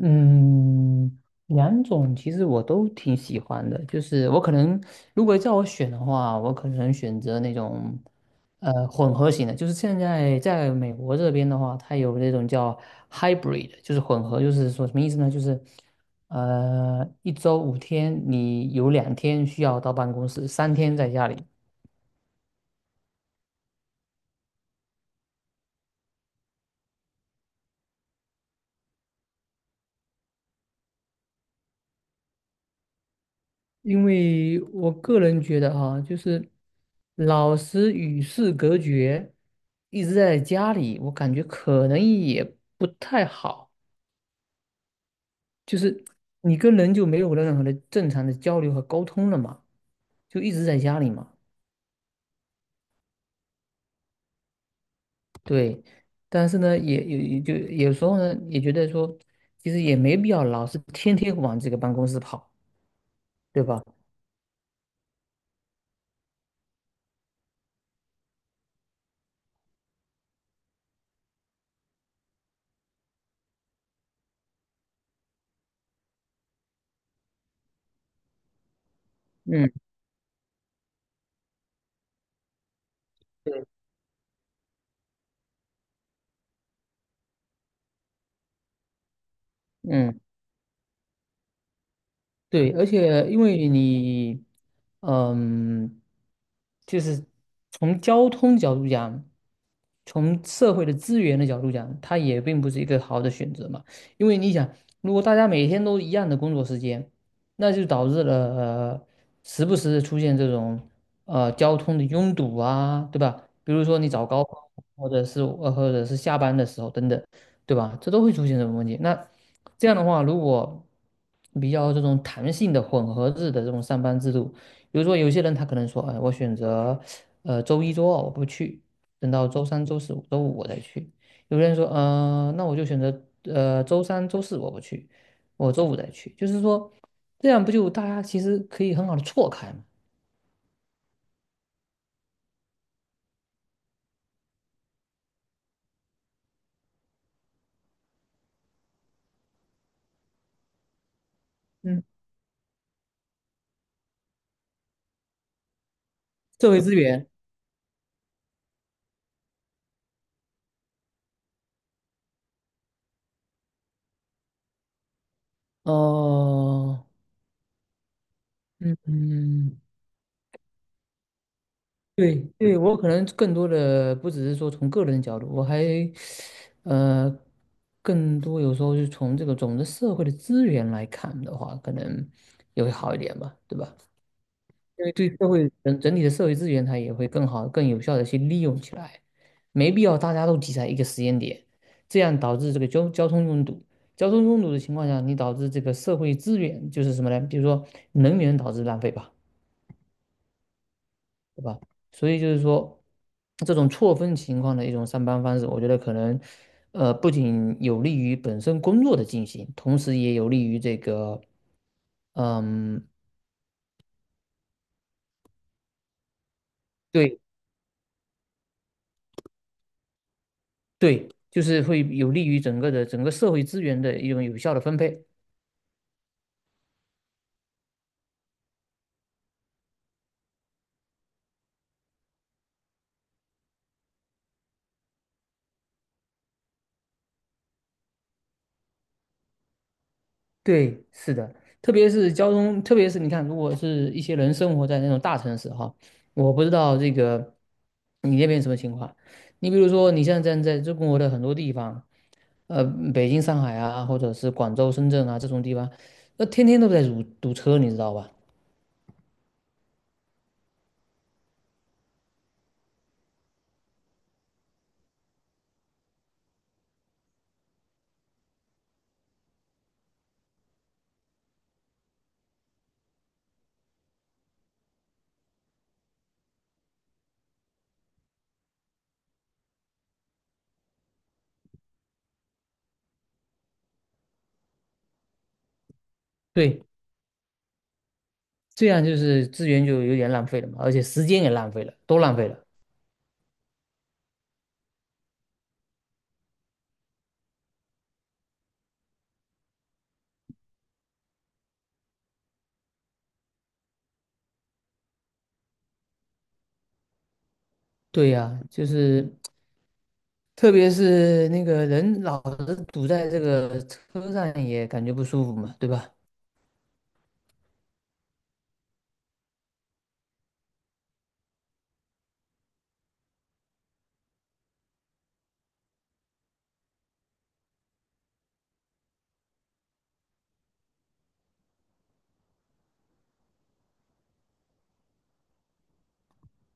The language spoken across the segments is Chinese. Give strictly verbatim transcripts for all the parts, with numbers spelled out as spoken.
嗯，两种其实我都挺喜欢的，就是我可能如果叫我选的话，我可能选择那种呃混合型的，就是现在在美国这边的话，它有那种叫 hybrid，就是混合，就是说什么意思呢？就是呃一周五天，你有两天需要到办公室，三天在家里。因为我个人觉得哈、就是老师与世隔绝，一直在家里，我感觉可能也不太好。就是你跟人就没有任何的正常的交流和沟通了嘛，就一直在家里嘛。对，但是呢，也也也就有时候呢，也觉得说，其实也没必要老是天天往这个办公室跑，对吧？嗯，对，嗯。对，而且因为你，嗯，就是从交通角度讲，从社会的资源的角度讲，它也并不是一个好的选择嘛。因为你想，如果大家每天都一样的工作时间，那就导致了，呃，时不时的出现这种呃交通的拥堵啊，对吧？比如说你早高峰，或者是呃或者是下班的时候等等。对吧？这都会出现这种问题。那这样的话，如果比较这种弹性的混合制的这种上班制度，比如说有些人他可能说，哎，我选择呃周一周二我不去，等到周三、周四、周五我再去。有人说，呃，那我就选择呃周三、周四我不去，我周五再去。就是说，这样不就大家其实可以很好的错开嘛？嗯，社会资源，哦，嗯嗯。对对，我可能更多的不只是说从个人角度，我还呃更多有时候是从这个总的社会的资源来看的话，可能也会好一点吧，对吧？因为对社会整整体的社会资源，它也会更好、更有效的去利用起来，没必要大家都挤在一个时间点，这样导致这个交交通拥堵。交通拥堵的情况下，你导致这个社会资源就是什么呢？比如说能源导致浪费吧。是吧？所以就是说，这种错峰情况的一种上班方式，我觉得可能，呃，不仅有利于本身工作的进行，同时也有利于这个，嗯，对对，就是会有利于整个的整个社会资源的一种有效的分配。对，是的，特别是交通，特别是你看，如果是一些人生活在那种大城市哈，我不知道这个你那边什么情况。你比如说，你像站在中国的很多地方。呃，北京、上海啊，或者是广州、深圳啊这种地方，那天天都在堵堵车，你知道吧？对，这样就是资源就有点浪费了嘛，而且时间也浪费了，都浪费了。对呀，就是特别是那个人老是堵在这个车上，也感觉不舒服嘛，对吧？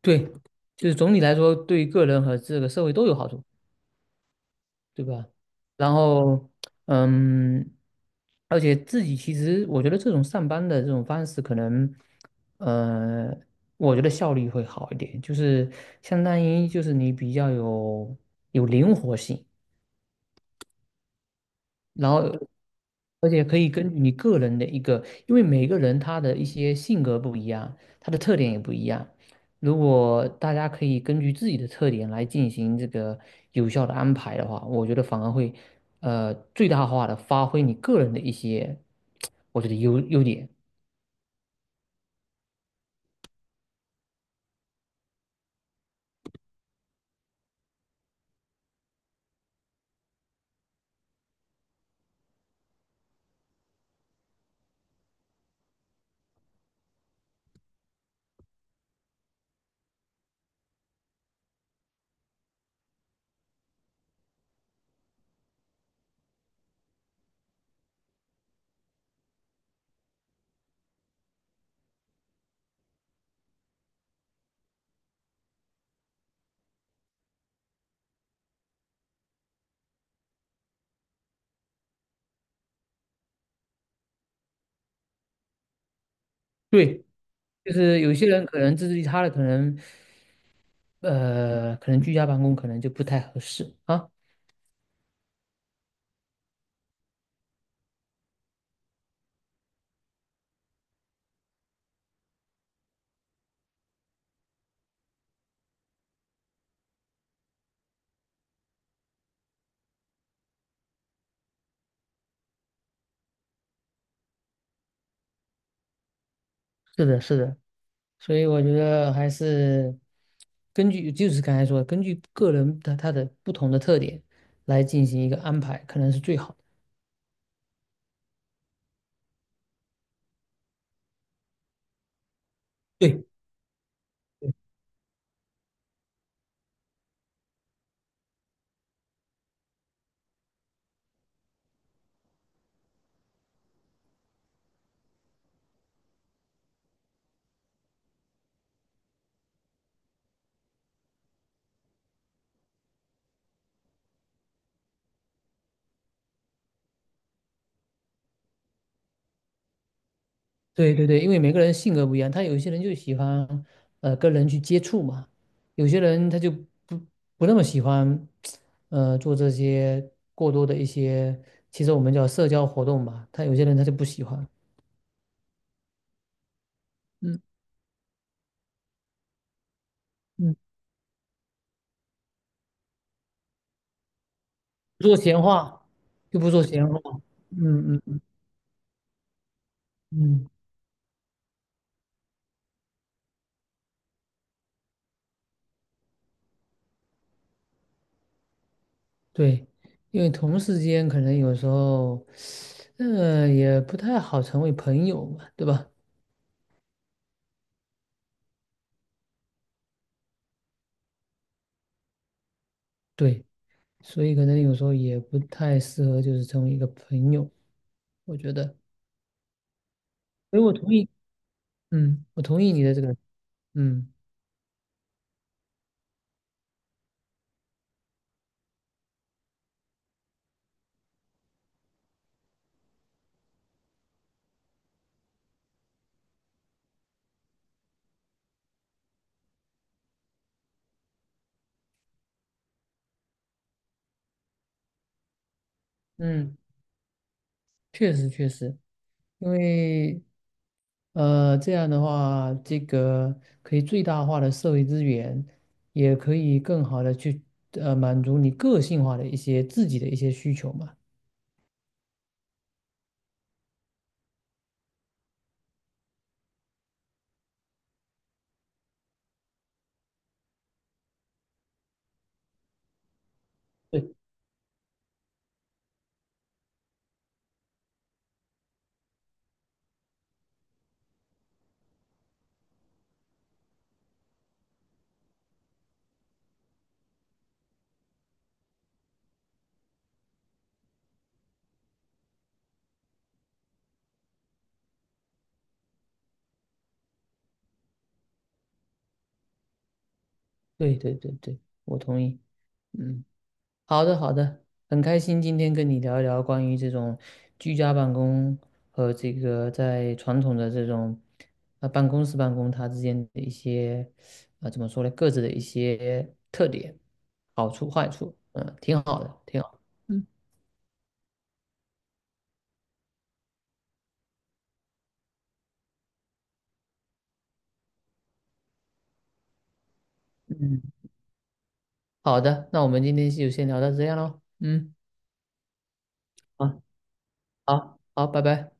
对，就是总体来说，对个人和这个社会都有好处。对吧？然后，嗯，而且自己其实我觉得这种上班的这种方式，可能，呃，我觉得效率会好一点，就是相当于就是你比较有有灵活性。然后而且可以根据你个人的一个，因为每个人他的一些性格不一样，他的特点也不一样。如果大家可以根据自己的特点来进行这个有效的安排的话，我觉得反而会呃最大化的发挥你个人的一些，我觉得优优点。对，就是有些人可能自制力差的，可能呃可能居家办公可能就不太合适啊。是的，是的。所以我觉得还是根据就是刚才说的，根据个人的他的不同的特点来进行一个安排，可能是最好的。对对对对，因为每个人性格不一样，他有一些人就喜欢呃跟人去接触嘛，有些人他就不不那么喜欢呃做这些过多的一些，其实我们叫社交活动吧，他有些人他就不喜欢，嗯嗯，不说闲话，又不说闲话，嗯嗯嗯嗯。对，因为同事间可能有时候，呃，也不太好成为朋友嘛，对吧？对，所以可能有时候也不太适合，就是成为一个朋友，我觉得。所以我同意，嗯，我同意你的这个，嗯嗯，确实确实，因为，呃，这样的话，这个可以最大化的社会资源，也可以更好的去，呃，满足你个性化的一些自己的一些需求嘛。对。对对对对，我同意。嗯，好的好的，很开心今天跟你聊一聊关于这种居家办公和这个在传统的这种呃办公室办公它之间的一些呃怎么说呢，各自的一些特点、好处、坏处，嗯，挺好的，挺好。嗯，嗯，好的，那我们今天就先聊到这样喽。嗯，好，好，好，拜拜。